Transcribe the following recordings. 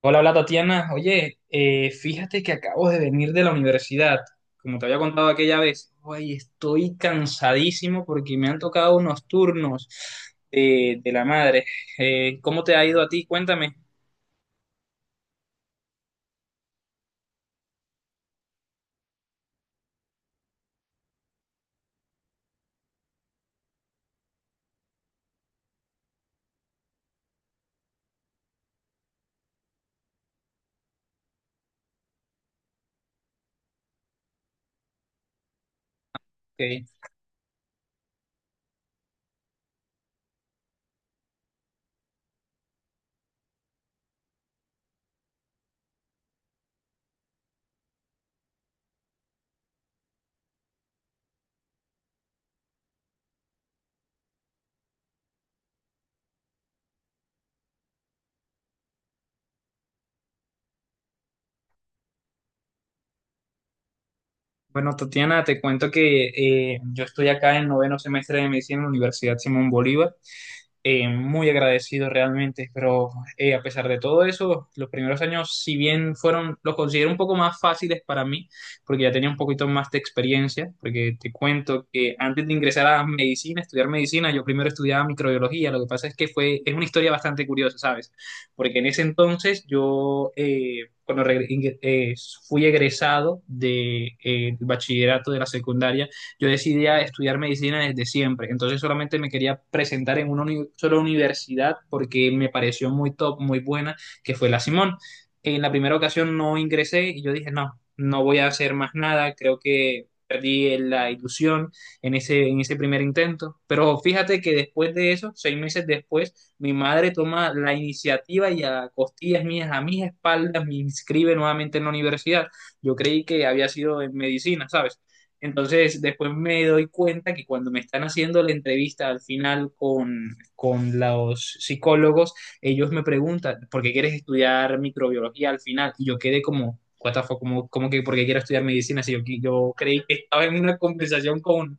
Hola, hola Tatiana. Oye, fíjate que acabo de venir de la universidad. Como te había contado aquella vez, oye, estoy cansadísimo porque me han tocado unos turnos de la madre. ¿Cómo te ha ido a ti? Cuéntame. Ok. Bueno, Tatiana, te cuento que yo estoy acá en noveno semestre de medicina en la Universidad Simón Bolívar. Muy agradecido realmente, pero a pesar de todo eso, los primeros años, si bien fueron, los considero un poco más fáciles para mí, porque ya tenía un poquito más de experiencia, porque te cuento que antes de ingresar a medicina, estudiar medicina, yo primero estudiaba microbiología, lo que pasa es que fue, es una historia bastante curiosa, ¿sabes? Porque en ese entonces yo, cuando fui egresado del bachillerato de la secundaria, yo decidí a estudiar medicina desde siempre, entonces solamente me quería presentar en una uni sola universidad porque me pareció muy top, muy buena, que fue la Simón. En la primera ocasión no ingresé y yo dije, no, no voy a hacer más nada, creo que perdí la ilusión en ese primer intento. Pero fíjate que después de eso, 6 meses después, mi madre toma la iniciativa y a costillas mías, a mis espaldas, me inscribe nuevamente en la universidad. Yo creí que había sido en medicina, ¿sabes? Entonces, después me doy cuenta que cuando me están haciendo la entrevista al final con los psicólogos, ellos me preguntan, ¿por qué quieres estudiar microbiología al final? Y yo quedé como, what the fuck, como, como que ¿por qué quiero estudiar medicina, si yo creí que estaba en una conversación con,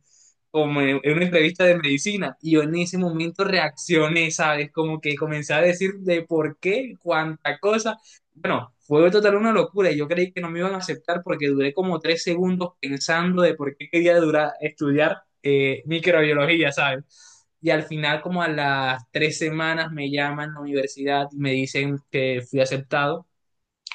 como en una entrevista de medicina. Y yo en ese momento reaccioné, ¿sabes? Como que comencé a decir de por qué, cuánta cosa. Bueno, fue total una locura. Yo creí que no me iban a aceptar porque duré como 3 segundos pensando de por qué quería durar, estudiar microbiología, ¿sabes? Y al final, como a las 3 semanas, me llaman a la universidad y me dicen que fui aceptado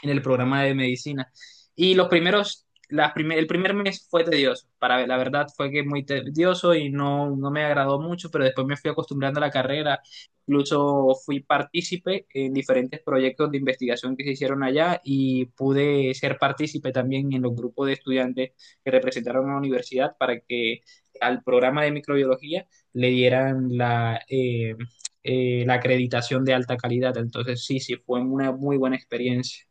en el programa de medicina. Y los primeros, las prim- el primer mes fue tedioso, para la verdad fue que muy tedioso y no, no me agradó mucho, pero después me fui acostumbrando a la carrera, incluso fui partícipe en diferentes proyectos de investigación que se hicieron allá y pude ser partícipe también en los grupos de estudiantes que representaron a la universidad para que al programa de microbiología le dieran la acreditación de alta calidad, entonces sí, sí, fue una muy buena experiencia.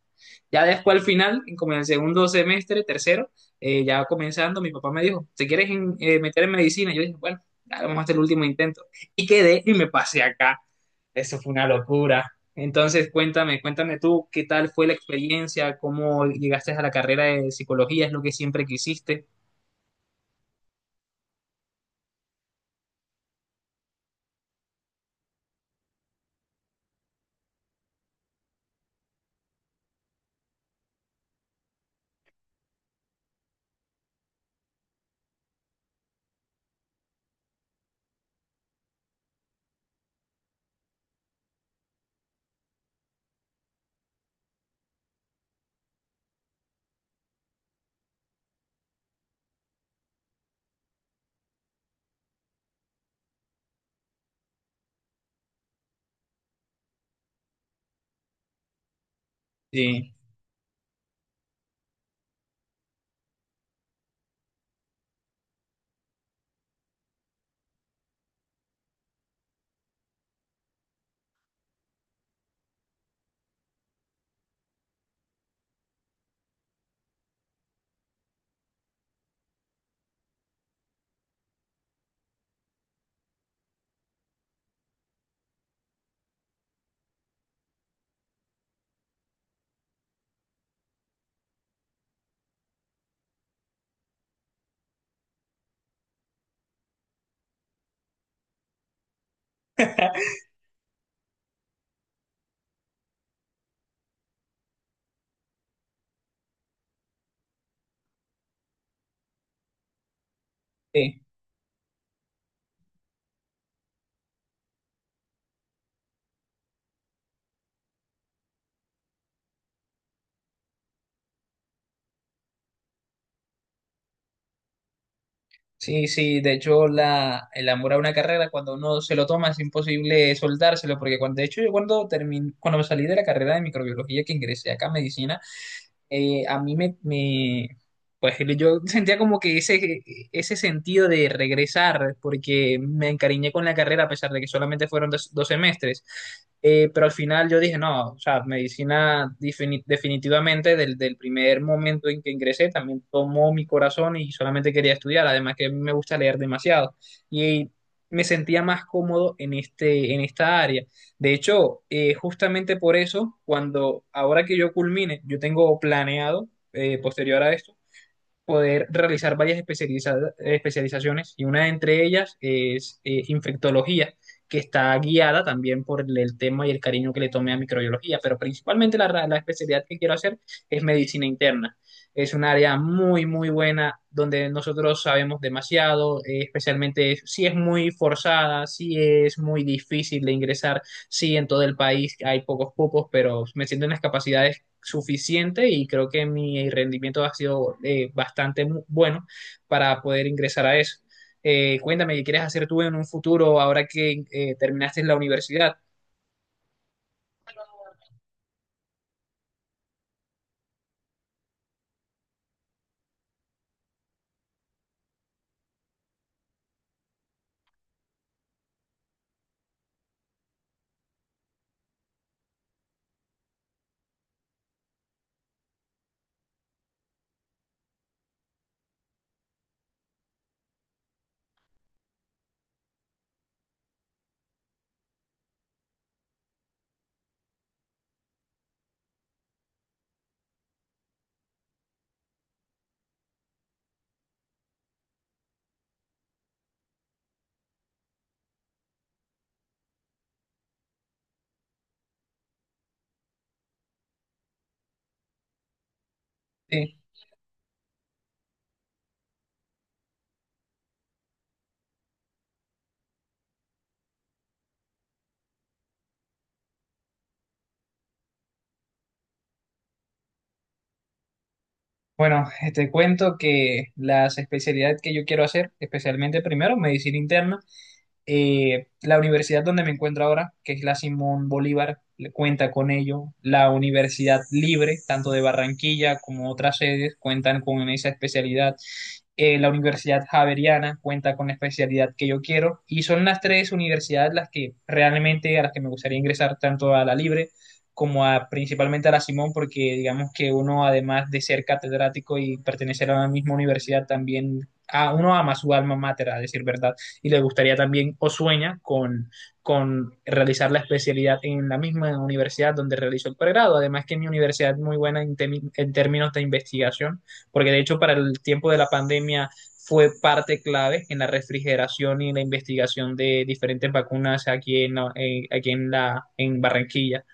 Ya después al final, como en el segundo semestre, tercero, ya comenzando, mi papá me dijo, ¿te quieres meter en medicina? Yo dije, bueno, dale, vamos a hacer el último intento. Y quedé y me pasé acá. Eso fue una locura. Entonces, cuéntame, cuéntame tú, ¿qué tal fue la experiencia? ¿Cómo llegaste a la carrera de psicología? ¿Es lo que siempre quisiste? Sí, sí, sí, sí, de hecho la, el amor a una carrera cuando uno se lo toma es imposible soltárselo, porque cuando, de hecho yo cuando, termin, cuando me salí de la carrera de microbiología que ingresé acá a medicina, a mí me, me- pues yo sentía como que ese sentido de regresar, porque me encariñé con la carrera a pesar de que solamente fueron 2 semestres. Pero al final yo dije, no, o sea, medicina definitivamente del primer momento en que ingresé también tomó mi corazón y solamente quería estudiar, además que a mí me gusta leer demasiado y me sentía más cómodo en esta área. De hecho, justamente por eso, cuando ahora que yo culmine, yo tengo planeado, posterior a esto, poder realizar varias especializaciones y una de entre ellas es infectología, que está guiada también por el tema y el cariño que le tomé a microbiología, pero principalmente la especialidad que quiero hacer es medicina interna. Es un área muy, muy buena donde nosotros sabemos demasiado, especialmente si es muy forzada, si es muy difícil de ingresar, si en todo el país hay pocos cupos, pero me siento en las capacidades suficiente y creo que mi rendimiento ha sido bastante bueno para poder ingresar a eso. Cuéntame, ¿qué quieres hacer tú en un futuro ahora que terminaste la universidad? Eh, bueno, te cuento que las especialidades que yo quiero hacer, especialmente primero medicina interna. La universidad donde me encuentro ahora, que es la Simón Bolívar, cuenta con ello. La Universidad Libre, tanto de Barranquilla como otras sedes, cuentan con esa especialidad. La Universidad Javeriana cuenta con la especialidad que yo quiero. Y son las tres universidades las que realmente a las que me gustaría ingresar, tanto a la Libre como a, principalmente a la Simón, porque digamos que uno, además de ser catedrático y pertenecer a la misma universidad, también uno ama su alma mater, a decir verdad y le gustaría también o sueña con realizar la especialidad en la misma universidad donde realizó el pregrado. Además que mi universidad es muy buena en términos de investigación, porque de hecho para el tiempo de la pandemia fue parte clave en la refrigeración y la investigación de diferentes vacunas aquí en Barranquilla.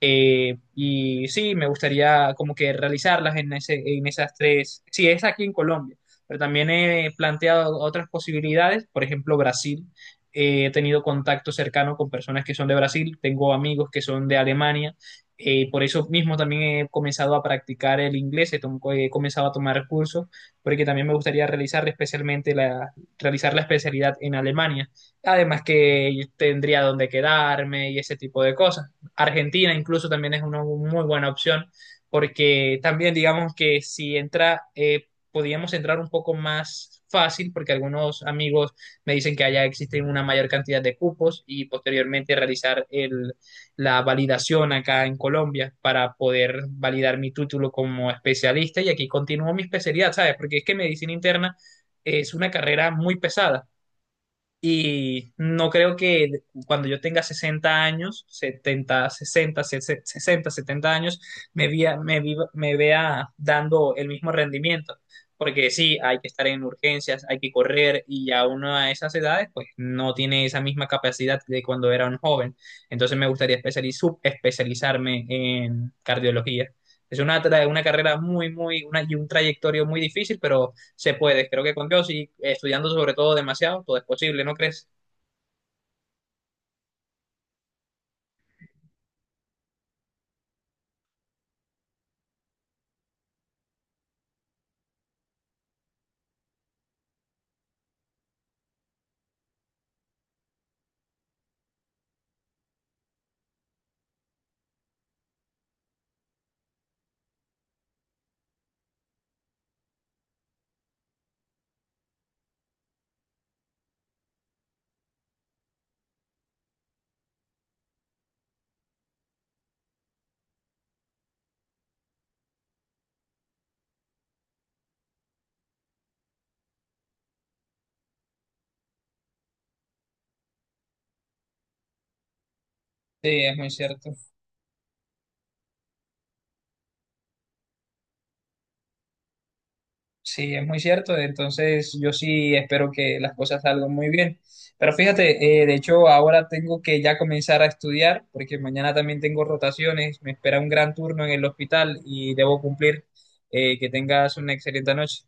Y sí, me gustaría como que realizarlas en esas tres. Sí, es aquí en Colombia, pero también he planteado otras posibilidades, por ejemplo, Brasil. He tenido contacto cercano con personas que son de Brasil, tengo amigos que son de Alemania. Por eso mismo también he comenzado a practicar el inglés, he comenzado a tomar cursos, porque también me gustaría realizar especialmente realizar la especialidad en Alemania. Además que tendría donde quedarme y ese tipo de cosas. Argentina incluso también es una muy buena opción, porque también digamos que si entra, podíamos entrar un poco más fácil, porque algunos amigos me dicen que allá existe una mayor cantidad de cupos y posteriormente realizar la validación acá en Colombia para poder validar mi título como especialista y aquí continúo mi especialidad, ¿sabes? Porque es que medicina interna es una carrera muy pesada y no creo que cuando yo tenga 60 años, 70, 60, 60 70 años, me vea dando el mismo rendimiento. Porque sí, hay que estar en urgencias, hay que correr y ya uno a esas edades, pues no tiene esa misma capacidad de cuando era un joven. Entonces me gustaría subespecializarme en cardiología. Es una, tra- una carrera muy, muy, una, y un trayectorio muy difícil, pero se puede. Creo que con Dios y estudiando sobre todo demasiado, todo es posible, ¿no crees? Sí, es muy cierto. Sí, es muy cierto. Entonces, yo sí espero que las cosas salgan muy bien. Pero fíjate, de hecho, ahora tengo que ya comenzar a estudiar porque mañana también tengo rotaciones. Me espera un gran turno en el hospital y debo cumplir. Que tengas una excelente noche.